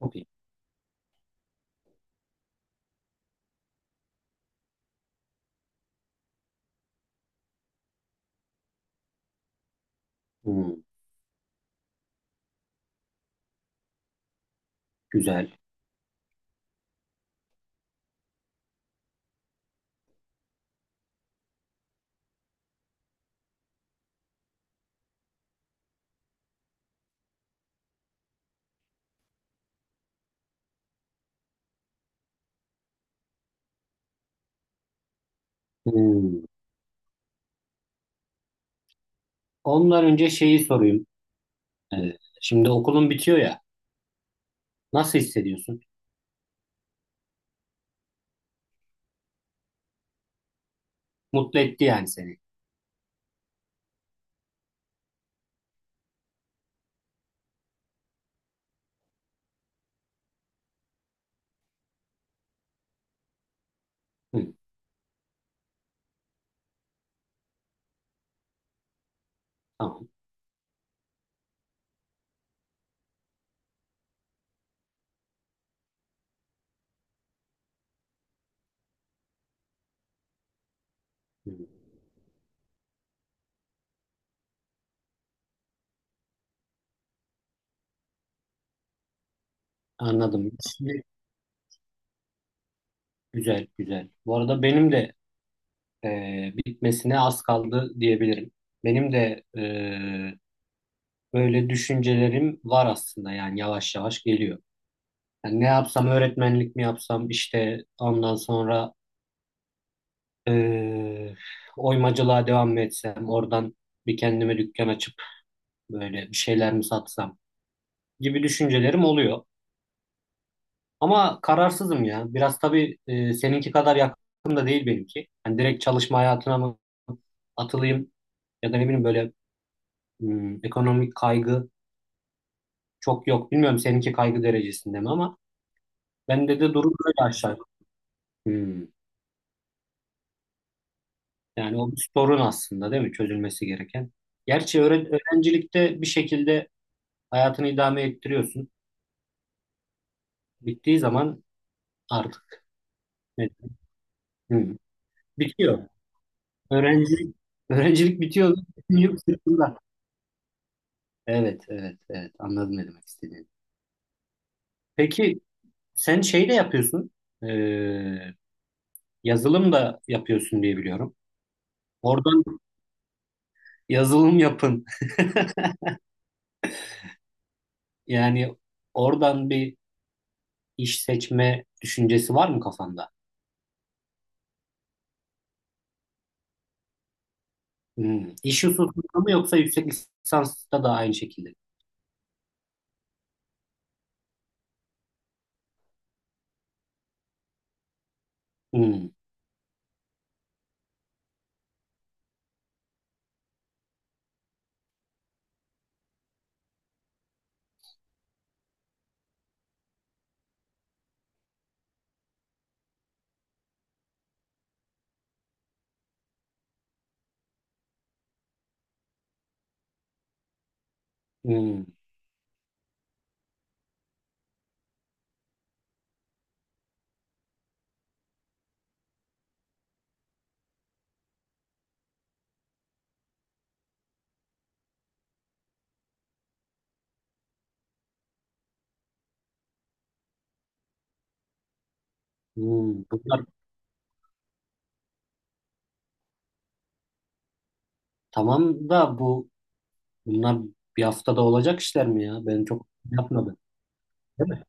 Çok iyi. Hmm, güzel. Hmm. Ondan önce şeyi sorayım. Şimdi okulun bitiyor ya. Nasıl hissediyorsun? Mutlu etti yani seni. Hmm, tamam. Hmm, anladım. Şimdi güzel güzel. Bu arada benim de bitmesine az kaldı diyebilirim. Benim de böyle düşüncelerim var aslında yani yavaş yavaş geliyor. Yani ne yapsam öğretmenlik mi yapsam işte ondan sonra e, oymacılığa devam mı etsem oradan bir kendime dükkan açıp böyle bir şeyler mi satsam gibi düşüncelerim oluyor. Ama kararsızım ya. Biraz tabii seninki kadar yakın da değil benimki. Hani direkt çalışma hayatına mı atılayım ya da ne bileyim böyle ekonomik kaygı çok yok. Bilmiyorum seninki kaygı derecesinde mi ama bende de durum böyle aşağı yukarı. Hmm. Yani o bir sorun aslında değil mi? Çözülmesi gereken. Gerçi öğrencilikte bir şekilde hayatını idame ettiriyorsun. Bittiği zaman artık ne- hmm, bitiyor. Öğrencilik, öğrencilik bitiyor. Bütün yük sırtında. Evet, evet, evet. Anladım ne demek istediğini. Peki sen şey de yapıyorsun. Ee, Yazılım da yapıyorsun diye biliyorum. Oradan yazılım yapın. Yani oradan bir iş seçme düşüncesi var mı kafanda? Hmm. İş hususunda mı yoksa yüksek lisansta da aynı şekilde? Hmm. Hmm. Hmm. Bunlar tamam da bunlar bir haftada olacak işler mi ya? Ben çok yapmadım. Değil mi?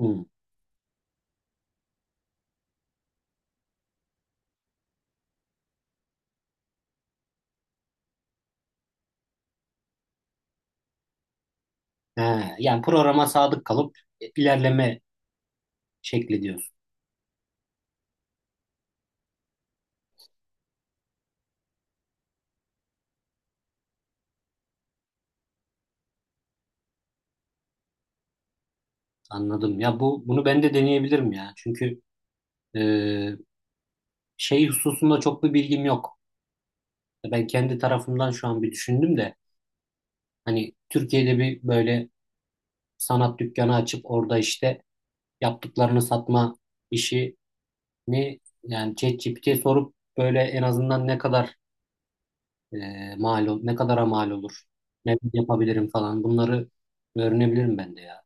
Hı. He, yani programa sadık kalıp ilerleme şekli diyorsun. Anladım. Ya bunu ben de deneyebilirim ya. Çünkü e, şey hususunda çok bir bilgim yok. Ben kendi tarafımdan şu an bir düşündüm de hani Türkiye'de bir böyle sanat dükkanı açıp orada işte yaptıklarını satma işini yani ChatGPT'ye sorup böyle en azından ne kadar ne kadara mal olur, ne yapabilirim falan bunları öğrenebilirim ben de ya.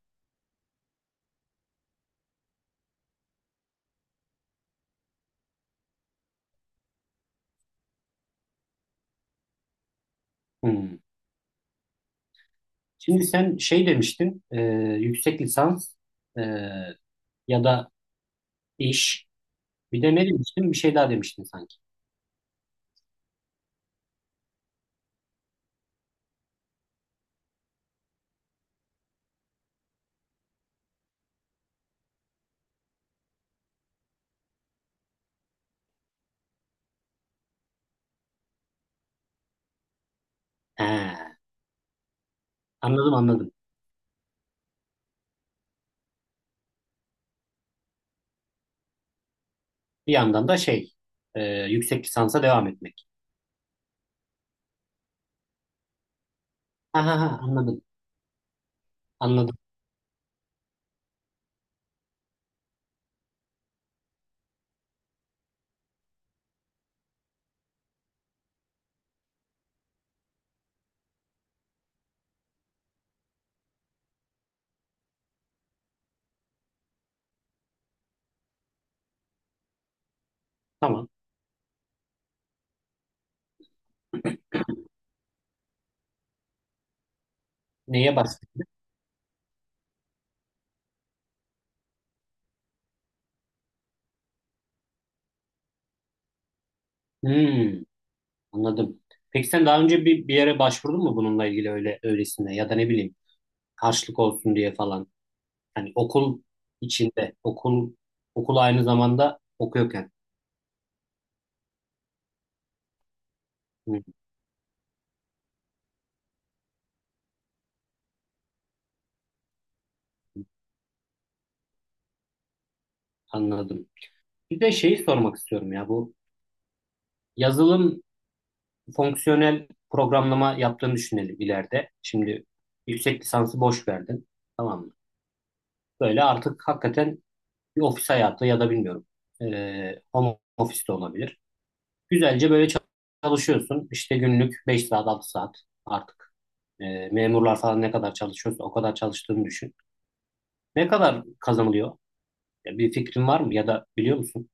Hmm. Şimdi sen şey demiştin, yüksek lisans e, ya da iş. Bir de ne demiştin? Bir şey daha demiştin sanki. He, anladım anladım. Bir yandan da şey, e, yüksek lisansa devam etmek. Ha ha ha anladım anladım. Tamam. Neye bastın? Hmm, anladım. Peki sen daha önce bir yere başvurdun mu bununla ilgili öyle öylesine ya da ne bileyim karşılık olsun diye falan. Hani okul içinde, okul aynı zamanda okuyorken. Hı, anladım. Bir de şeyi sormak istiyorum ya bu yazılım fonksiyonel programlama yaptığını düşünelim ileride. Şimdi yüksek lisansı boş verdin. Tamam mı? Böyle artık hakikaten bir ofis hayatı ya da bilmiyorum home office de olabilir. Güzelce böyle çalışıyorsun. İşte günlük 5 saat 6 saat artık. Memurlar falan ne kadar çalışıyorsa o kadar çalıştığını düşün. Ne kadar kazanılıyor? Ya bir fikrin var mı ya da biliyor musun?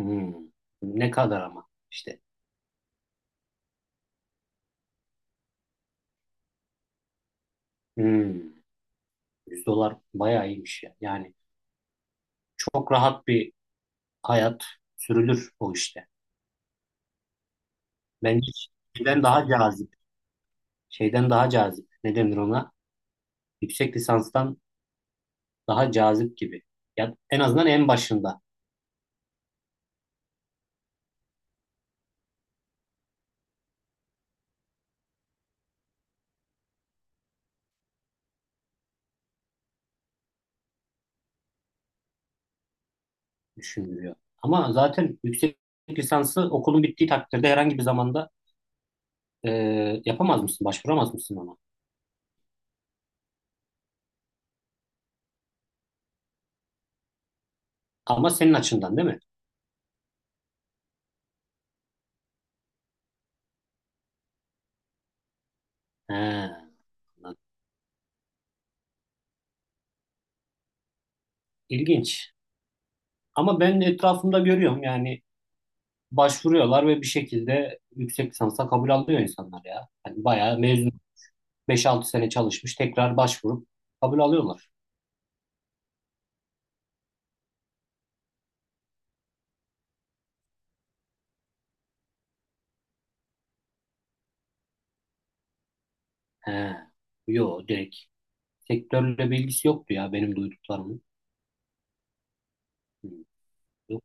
Hmm. Ne kadar ama işte. Hmm. 100 dolar bayağı iyiymiş ya. Yani çok rahat bir hayat sürülür o işte. Bence şeyden daha cazip. Şeyden daha cazip. Ne denir ona? Yüksek lisanstan daha cazip gibi. Ya en azından en başında düşünülüyor. Ama zaten yüksek lisansı okulun bittiği takdirde herhangi bir zamanda e, yapamaz mısın? Başvuramaz mısın ona? Ama senin açından değil mi? He, anladım. İlginç. Ama ben etrafımda görüyorum yani başvuruyorlar ve bir şekilde yüksek lisansa kabul alıyor insanlar ya. Yani bayağı mezun 5-6 sene çalışmış tekrar başvurup kabul alıyorlar. He. Yo direkt sektörle bilgisi yoktu ya benim duyduklarımın. Hı, yok.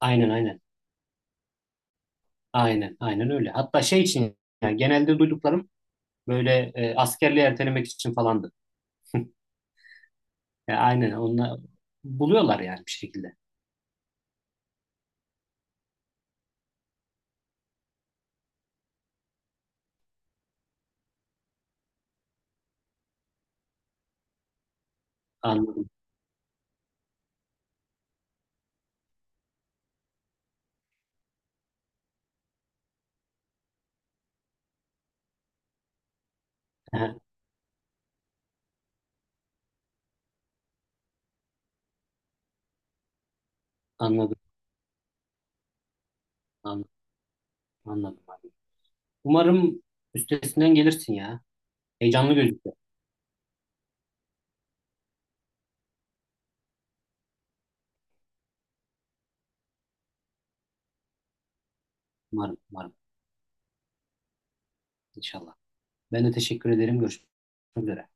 Aynen aynen. Aynen aynen öyle. Hatta şey için yani genelde duyduklarım böyle askerliği ertelemek için falandı. Ya aynen onlar buluyorlar yani bir şekilde. Anladım. He, anladım. Anladım. Anladım, abi. Umarım üstesinden gelirsin ya. Heyecanlı gözüküyor. Umarım, umarım inşallah. Ben de teşekkür ederim. Görüşmek üzere.